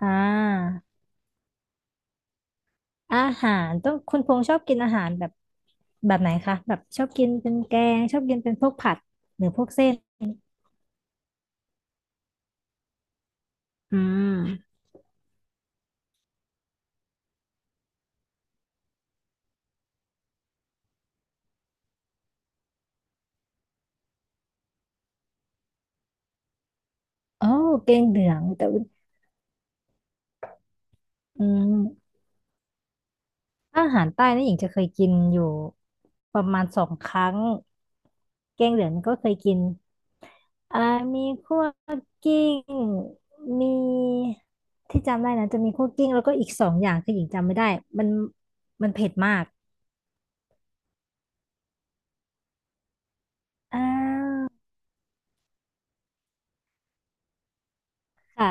อ่าอาหารต้องคุณพงษ์ชอบกินอาหารแบบไหนคะแบบชอบกินเป็นแกงชอบกินเป็นพวกผัดหรือพวกเส้นอืมโอ้แกงเหลืองแต่ว่าอืมอาหารใต้นี่หญิงจะเคยกินอยู่ประมาณสองครั้งแกงเหลืองนี่ก็เคยกินอ่ามีคั่วกิ้งมีที่จำได้นะจะมีคั่วกิ้งแล้วก็อีกสองอย่างคือหญิงจำไม่ได้มันมันเผ็ดมากอ่าค่ะ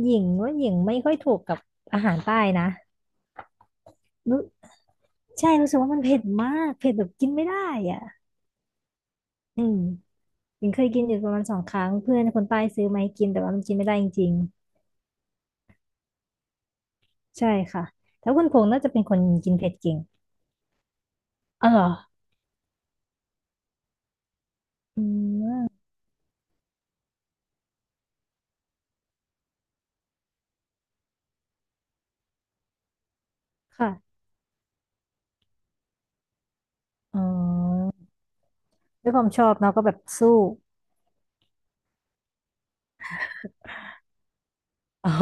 หญิงว่าหญิงไม่ค่อยถูกกับอาหารใต้นะรู้ใช่รู้สึกว่ามันเผ็ดมากเผ็ดแบบกินไม่ได้อ่ะอืมหญิงเคยกินอยู่ประมาณสองครั้งเพื่อนคนใต้ซื้อมาให้กินแต่ว่ามันกินไม่ได้จริงๆ ใช่ค่ะแต่คุณพงษ์น่าจะเป็นคนกินเผ็ดเก่ง อ๋อเหรออืมค่ะ อ๋อด้วยความชอบเนาะก็แบบสู้ อ๋อ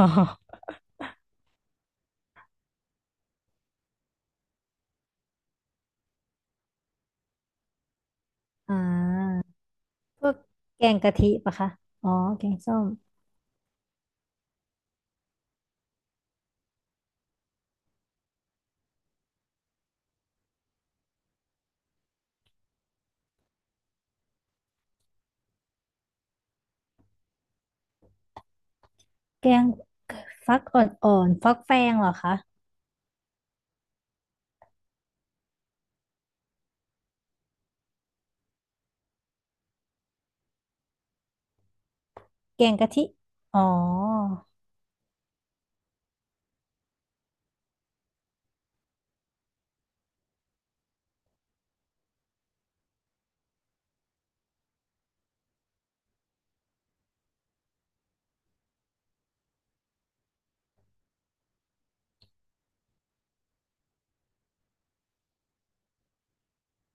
อ่าพวกแกงกะทิปะคะอ๋อแกงส้มแกงฟักอ่อนๆฟักแฟงเหรอคะ แกงกะทิอ๋อ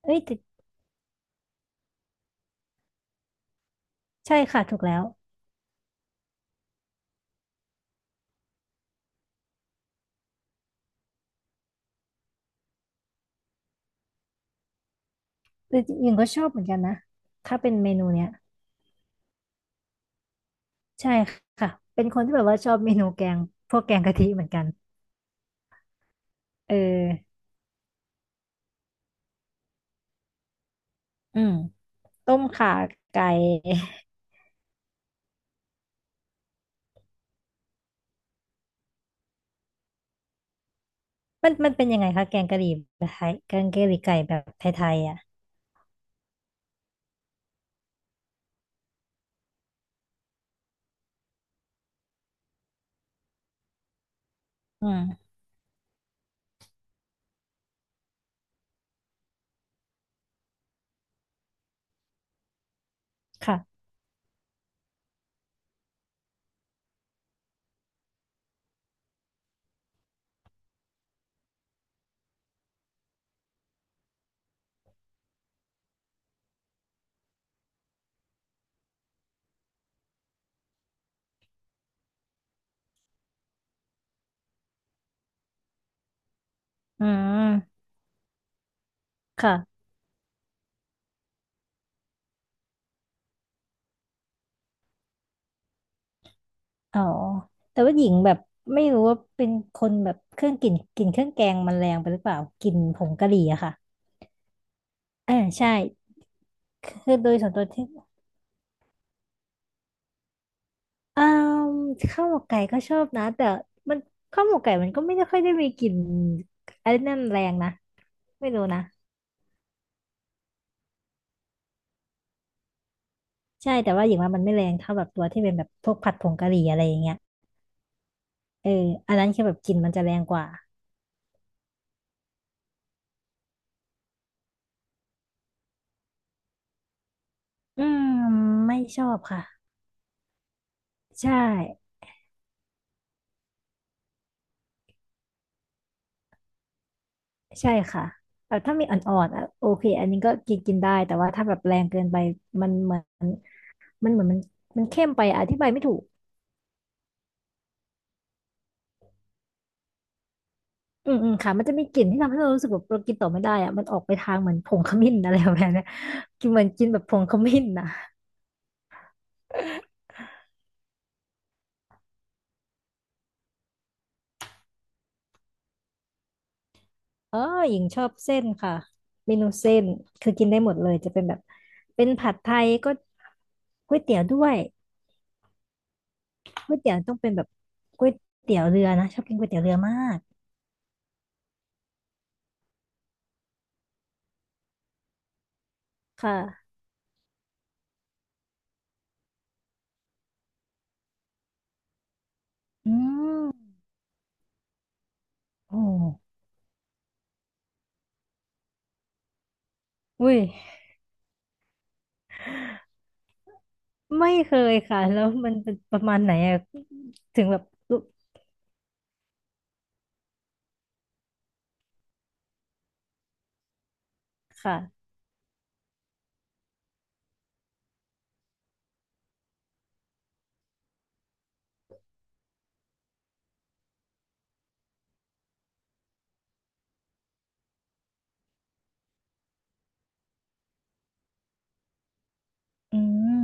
เอ้ยแต่ใช่ค่ะถูกแล้วแต่หญิงก็ชอบเหมือนกันนะถ้าเป็นเมนูเนี้ยใช่ค่ะ เป็นคนที่แบบว่าชอบเมนูแกงพวกแกงกะทิเหมือนกันเอออืมต้มข่าไก่ มันเป็นยังไงคะแกงกะหรี่แบบไทยแกงกะหรี่ไก่แบบไทยๆอ่ะอืมค่ะอืมค่ะอ๋อแต่ว่าหญิงแบบไม่รู้ว่าเป็นคนแบบเครื่องกลิ่นเครื่องแกงมันแรงไปหรือเปล่ากลิ่นผงกะหรี่อะค่ะอ่าใช่ คือโดยส่วนตัวที่อ่าข้าวหมกไก่ก็ชอบนะแต่มันข้าวหมกไก่มันก็ไม่ได้ค่อยได้มีกลิ่นอะไรนั่นแรงนะไม่รู้นะใช่แต่ว่าอย่างว่ามันไม่แรงเท่าแบบตัวที่เป็นแบบพวกผัดผงกะหรี่อะไรอย่างเงี้ยเอออันนั้นคือแบบกลิ่นมันจะแรงกว่าอืมไม่ชอบค่ะใช่ใช่ค่ะแบบถ้ามีอ่อนๆอ่ะโอเคอันนี้ก็กินกินได้แต่ว่าถ้าแบบแรงเกินไปมันเหมือนมันเข้มไปอธิบายไม่ถูก อืมอืมค่ะมันจะมีกลิ่นที่ทำให้เรารู้สึกแบบเรากินต่อไม่ได้อะมันออกไปทางเหมือนผงขมิ้นอะไรแบบเนี้ยกินเหมือนกินแบบผงขมิ้นนะเออหญิงชอบเส้นค่ะเมนูเส้นคือกินได้หมดเลยจะเป็นแบบเป็นผัดไทยก็ก๋วยเตี๋ยวด้วยก๋วยเตี๋ยวต้องเป็นแบบก๋วยเตี๋ยวเรือนะชอบกินก๋วยเตี๋ยวเรือมากค่ะอืมโอ้อุ้ยไม่เคยค่ะแล้วมันเป็นประมาณไหนอะถึงแบบลุกค่ะอืม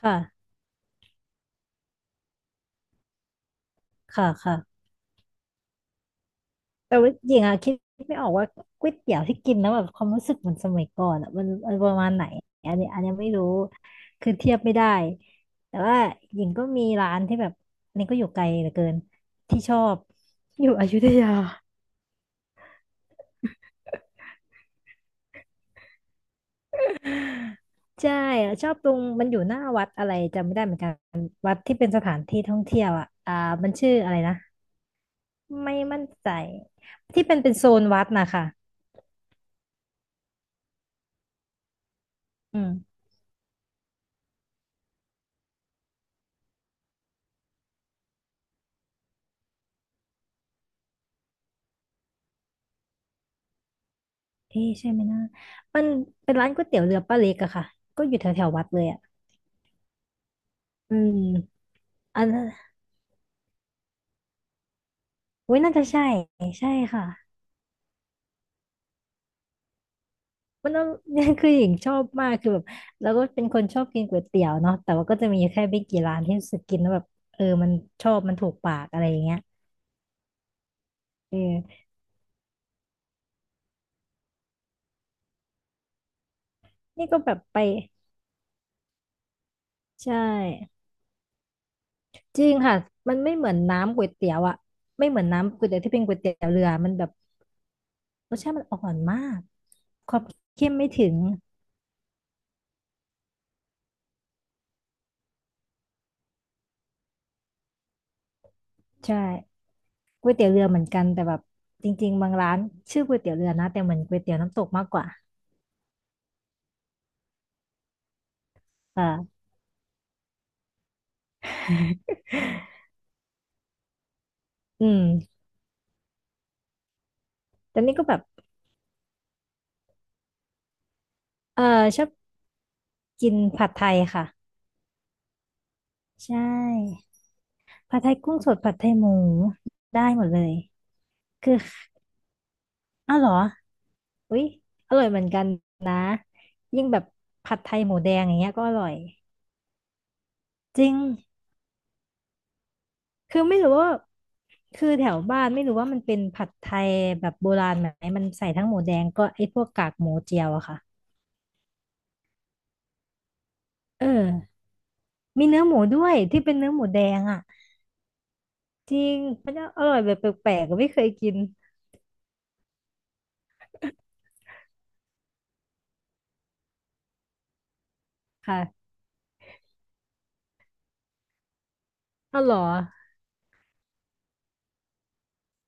ค่ะค่ะค่ะ แต่ว่าหญิงอะคิดไม่ออกว่าก๋วยเตี๋ยวที่กินแล้วแบบความรู้สึกเหมือนสมัยก่อนอะมันประมาณไหนอันนี้ไม่รู้คือเทียบไม่ได้แต่ว่าหญิงก็มีร้านที่แบบอันนี้ก็อยู่ไกลเหลือเกินที่ชอบอยู่อยุธยา ใช่อะชอบตรงมันอยู่หน้าวัดอะไรจำไม่ได้เหมือนกันวัดที่เป็นสถานที่ท่องเที่ยวอ่ะมันชื่ออะไรนะไม่มั่นใจที่เป็นเป็นโซนวัดนะคะอืม เอ๊ะใช่ไหมนะมันเป็นร้านก๋วยเตี๋ยวเรือป้าเล็กอะค่ะก็อยู่แถวแถววัดเลยอะอืมอันนั้นโอ้ยน่าจะใช่ใช่ค่ะมันต้อง คือหญิงชอบมากคือแบบเราก็เป็นคนชอบกินก๋วยเตี๋ยวเนาะแต่ว่าก็จะมีแค่ไม่กี่ร้านที่รู้สึกกินแล้วแบบเออมันชอบมันถูกปากอะไรอย่างเงี้ยเออนี่ก็แบบไปใช่จริงค่ะมันไม่เหมือนน้ำก๋วยเตี๋ยวอะไม่เหมือนน้ำก๋วยเตี๋ยวที่เป็นก๋วยเตี๋ยวเรือมันแบบรสชาติมันอ่อนมากความเข้มไม่ถึงใช่ ก๋วยเตี๋ยวเรือเหมือนกันแต่แบบจริงๆบางร้านชื่อก๋วยเตี๋ยวเรือนะแต่เหมือนก๋วยเตี๋ยวน้ำตกมากกว่าเอออืมแต่นี่ก็แบบเออชอบกินผัดไทยค่ะใช่ผัดไทยกุ้งสดผัดไทยหมูได้หมดเลยคืออ้าวเหรออุ๊ยอร่อยเหมือนกันนะยิ่งแบบผัดไทยหมูแดงอย่างเงี้ยก็อร่อยจริงคือไม่รู้ว่าคือแถวบ้านไม่รู้ว่ามันเป็นผัดไทยแบบโบราณไหมมันใส่ทั้งหมูแดงก็ไอ้พวกกากหมูเจียวอะค่ะเออ มีเนื้อหมูด้วยที่เป็นเนื้อหมูแดงอ่ะจริงมันจะอร่อยแบบแปลกๆอะไม่เคยกินค่ะอ้าวเหรอ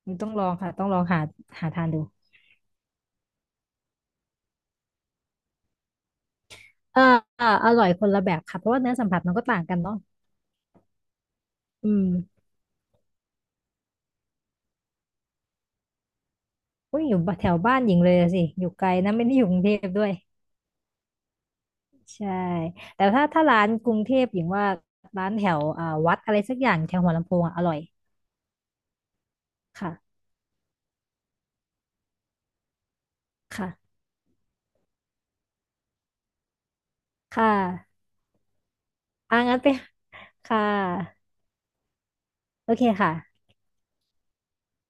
มันต้องลองค่ะต้องลองหาหาทานดูเออเออาอร่อยคนละแบบค่ะเพราะว่าเนื้อสัมผัสมันก็ต่างกันเนาะอืมอยอยู่แถวบ้านหญิงเลยอะสิอยู่ไกลนะไม่ได้อยู่กรุงเทพด้วยใช่แต่ถ้าร้านกรุงเทพหญิงว่าร้านแถวอ่าวัดอะไรสักอย่างแถวหัวลำโพงอะอร่อยค่ะค่ะค่ะอ่างั้นไปค่ะโอเคค่ะ